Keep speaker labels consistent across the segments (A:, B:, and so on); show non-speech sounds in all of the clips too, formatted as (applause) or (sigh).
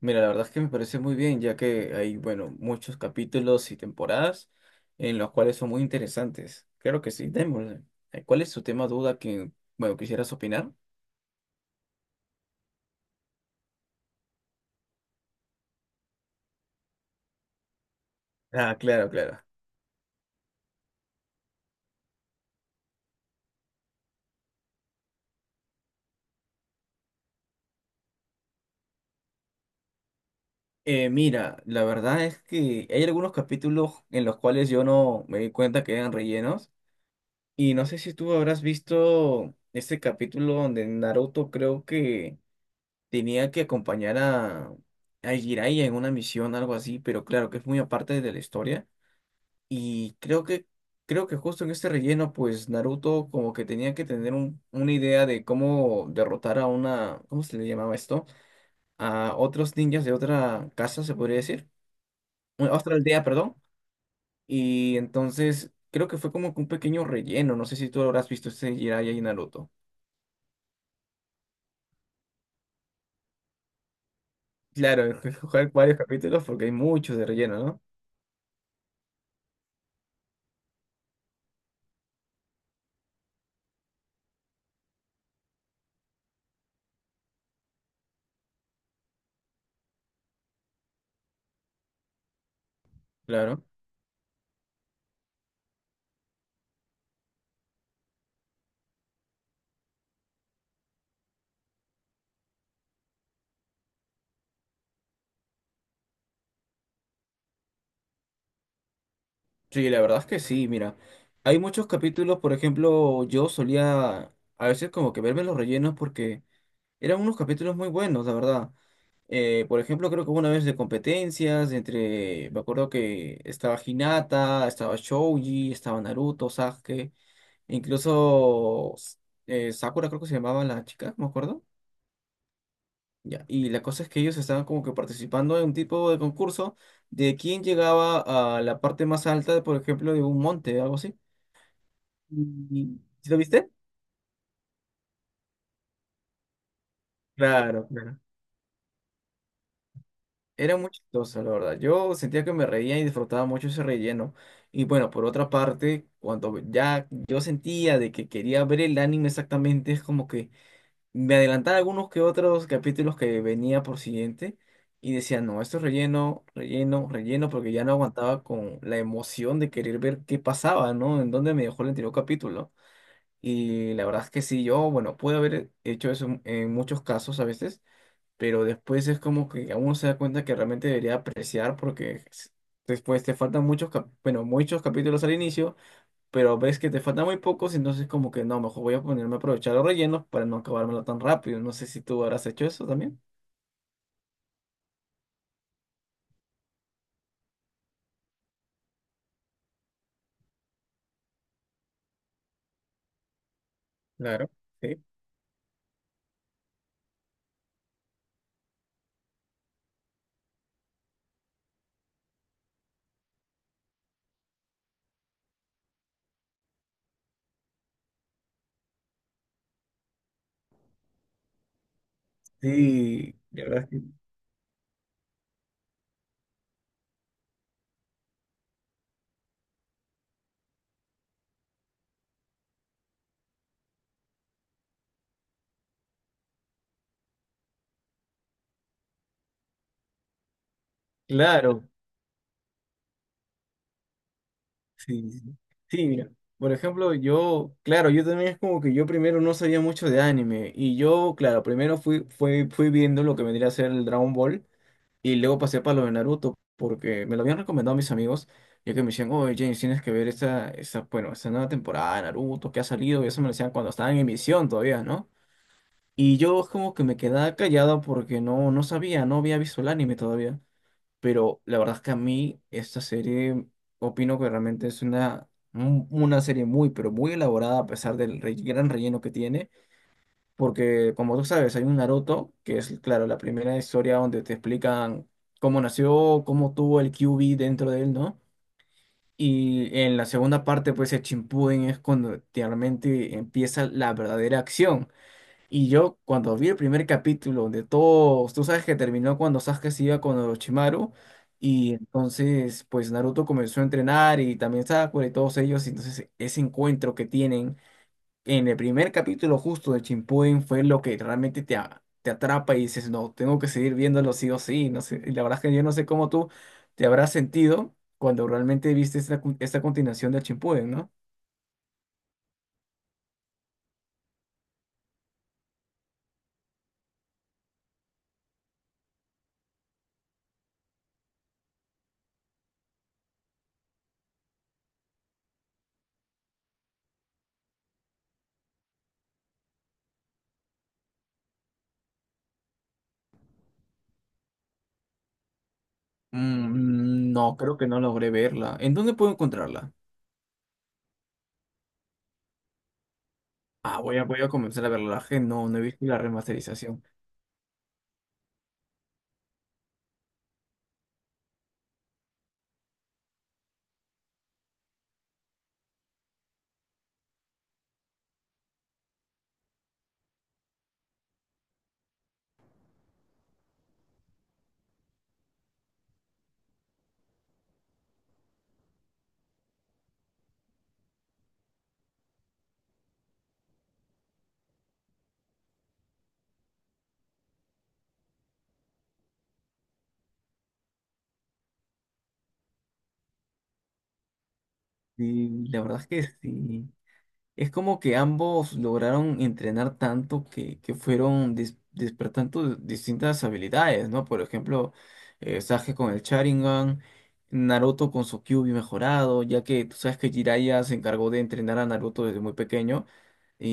A: Mira, la verdad es que me parece muy bien, ya que hay, bueno, muchos capítulos y temporadas en los cuales son muy interesantes. Claro que sí, démosle. ¿Cuál es tu tema duda que, bueno, ¿quisieras opinar? Ah, claro, claro. Mira, la verdad es que hay algunos capítulos en los cuales yo no me di cuenta que eran rellenos. Y no sé si tú habrás visto este capítulo donde Naruto creo que tenía que acompañar a Jiraiya en una misión, algo así, pero claro que es muy aparte de la historia. Y creo que justo en este relleno, pues Naruto como que tenía que tener una idea de cómo derrotar a una, ¿cómo se le llamaba esto? A otros ninjas de otra casa, se podría decir. Otra aldea, perdón. Y entonces creo que fue como que un pequeño relleno. No sé si tú habrás visto este Jiraiya y Naruto. Claro, (laughs) jugar varios capítulos porque hay muchos de relleno, ¿no? Claro. Sí, la verdad es que sí, mira. Hay muchos capítulos, por ejemplo, yo solía a veces como que verme los rellenos porque eran unos capítulos muy buenos, la verdad. Por ejemplo, creo que hubo una vez de competencias entre, me acuerdo que estaba Hinata, estaba Shouji, estaba Naruto, Sasuke, e incluso Sakura creo que se llamaba la chica, me acuerdo. Ya. Y la cosa es que ellos estaban como que participando en un tipo de concurso de quién llegaba a la parte más alta, por ejemplo, de un monte, algo así. ¿Y sí lo viste? Claro, claro. Era muy chistoso, la verdad. Yo sentía que me reía y disfrutaba mucho ese relleno. Y bueno, por otra parte, cuando ya yo sentía de que quería ver el anime exactamente, es como que me adelantaba algunos que otros capítulos que venía por siguiente y decía, no, esto es relleno, relleno, relleno, porque ya no aguantaba con la emoción de querer ver qué pasaba, ¿no? En dónde me dejó el anterior capítulo. Y la verdad es que sí, yo, bueno, pude haber hecho eso en muchos casos a veces, pero después es como que uno se da cuenta que realmente debería apreciar porque después te faltan muchos, bueno, muchos capítulos al inicio, pero ves que te faltan muy pocos, entonces como que no, mejor voy a ponerme a aprovechar los rellenos para no acabármelo tan rápido. No sé si tú habrás hecho eso también. Claro, sí. Sí, la verdad es que claro, sí, sí, sí, sí, mira, por ejemplo, yo, claro, yo también es como que yo primero no sabía mucho de anime y yo, claro, primero fui viendo lo que vendría a ser el Dragon Ball. Y luego pasé para lo de Naruto, porque me lo habían recomendado mis amigos, ya que me decían, oye, James, tienes que ver bueno, esta nueva temporada de Naruto que ha salido, y eso me lo decían cuando estaba en emisión todavía, ¿no? Y yo como que me quedaba callado porque no sabía, no había visto el anime todavía. Pero la verdad es que a mí esta serie, opino que realmente es una serie muy, pero muy elaborada a pesar del gran relleno que tiene. Porque, como tú sabes, hay un Naruto, que es, claro, la primera historia donde te explican cómo nació, cómo tuvo el Kyuubi dentro de él, ¿no? Y en la segunda parte, pues el Shippuden es cuando realmente empieza la verdadera acción. Y yo, cuando vi el primer capítulo, donde todos, tú sabes que terminó cuando Sasuke se iba con Orochimaru, y entonces, pues Naruto comenzó a entrenar y también Sakura y todos ellos, y entonces ese encuentro que tienen en el primer capítulo justo de Chimpuden fue lo que realmente te atrapa y dices, no, tengo que seguir viéndolo sí o sí. No sé, y la verdad es que yo no sé cómo tú te habrás sentido cuando realmente viste esta, esta continuación de Chimpuden, ¿no? Mm, no, creo que no logré verla. ¿En dónde puedo encontrarla? Ah, voy a comenzar a verla. La verdad es que no, no he visto la remasterización. Sí, la verdad es que sí. Es como que ambos lograron entrenar tanto que fueron despertando distintas habilidades, ¿no? Por ejemplo, Sasuke con el Sharingan, Naruto con su Kyuubi mejorado, ya que tú sabes que Jiraiya se encargó de entrenar a Naruto desde muy pequeño. Y,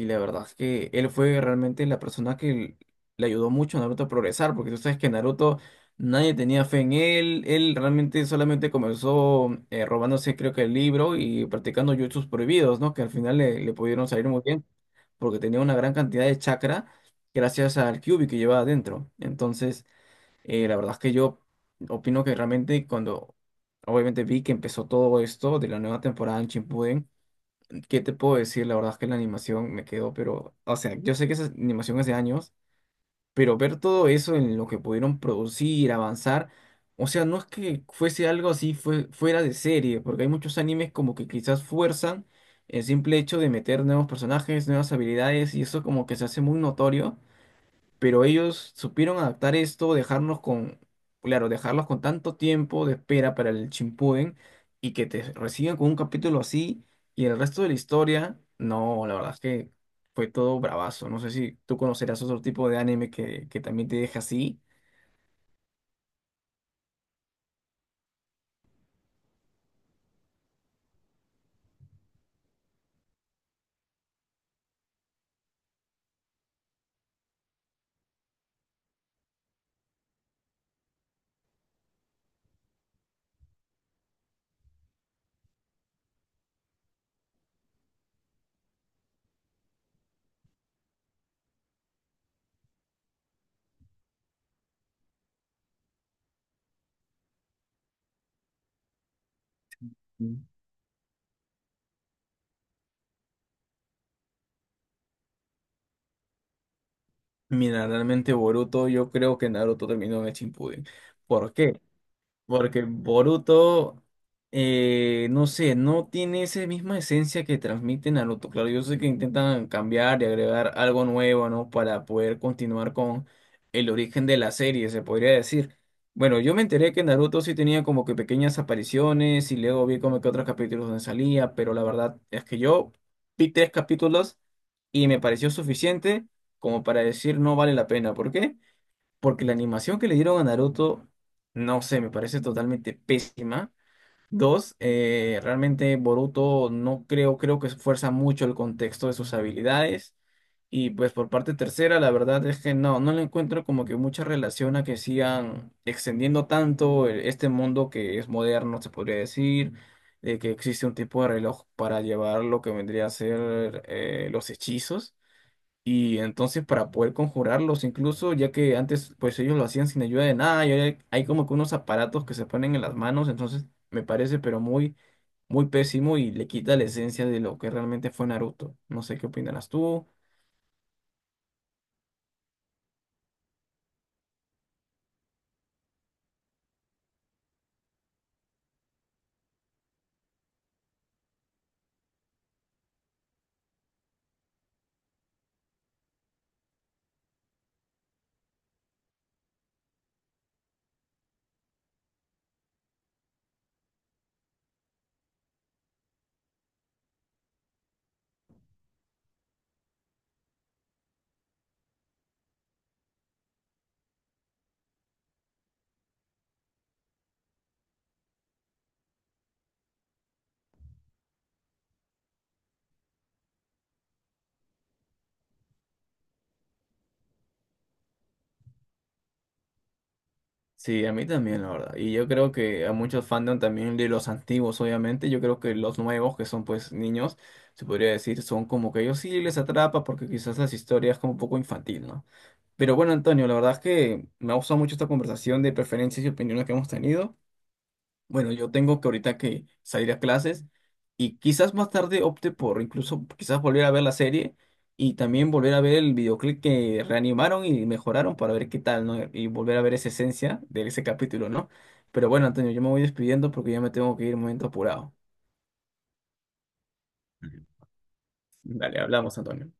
A: y la verdad es que él fue realmente la persona que le ayudó mucho a Naruto a progresar, porque tú sabes que Naruto, nadie tenía fe en él. Él realmente solamente comenzó robándose creo que el libro y practicando jutsus prohibidos, ¿no? Que al final le pudieron salir muy bien, porque tenía una gran cantidad de chakra gracias al Kyuubi que llevaba adentro. Entonces, la verdad es que yo opino que realmente cuando obviamente vi que empezó todo esto de la nueva temporada en Shippuden, ¿qué te puedo decir? La verdad es que la animación me quedó, pero, o sea, yo sé que esa animación hace años, pero ver todo eso en lo que pudieron producir, avanzar, o sea, no es que fuese algo así fue, fuera de serie, porque hay muchos animes como que quizás fuerzan el simple hecho de meter nuevos personajes, nuevas habilidades, y eso como que se hace muy notorio, pero ellos supieron adaptar esto, dejarnos con, claro, dejarlos con tanto tiempo de espera para el Shippuden y que te reciban con un capítulo así y el resto de la historia, no, la verdad es que fue todo bravazo. No sé si tú conocerás otro tipo de que también te deja así. Mm. Mira, realmente Boruto, yo creo que Naruto terminó en el Shippuden. ¿Por qué? Porque Boruto, no sé, no tiene esa misma esencia que transmite Naruto. Claro, yo sé que intentan cambiar y agregar algo nuevo, ¿no? Para poder continuar con el origen de la serie, se podría decir. Bueno, yo me enteré que Naruto sí tenía como que pequeñas apariciones y luego vi como que otros capítulos donde salía, pero la verdad es que yo vi tres capítulos y me pareció suficiente como para decir no vale la pena. ¿Por qué? Porque la animación que le dieron a Naruto, no sé, me parece totalmente pésima. Dos, realmente Boruto no creo, creo que esfuerza mucho el contexto de sus habilidades. Y pues por parte tercera, la verdad es que no, no le encuentro como que mucha relación a que sigan extendiendo tanto, este mundo que es moderno, se podría decir, de que existe un tipo de reloj para llevar lo que vendría a ser, los hechizos. Y entonces para poder conjurarlos, incluso ya que antes pues ellos lo hacían sin ayuda de nada, y ahora hay como que unos aparatos que se ponen en las manos, entonces me parece pero muy pésimo y le quita la esencia de lo que realmente fue Naruto. No sé qué opinarás tú. Sí, a mí también, la verdad. Y yo creo que a muchos fandom también de los antiguos, obviamente. Yo creo que los nuevos, que son pues niños, se podría decir, son como que ellos sí les atrapa porque quizás las historias como un poco infantil, ¿no? Pero bueno, Antonio, la verdad es que me ha gustado mucho esta conversación de preferencias y opiniones que hemos tenido. Bueno, yo tengo que ahorita que salir a clases y quizás más tarde opte por incluso quizás volver a ver la serie y también volver a ver el videoclip que reanimaron y mejoraron para ver qué tal, ¿no? Y volver a ver esa esencia de ese capítulo, ¿no? Pero bueno, Antonio, yo me voy despidiendo porque ya me tengo que ir un momento apurado. Dale, hablamos, Antonio.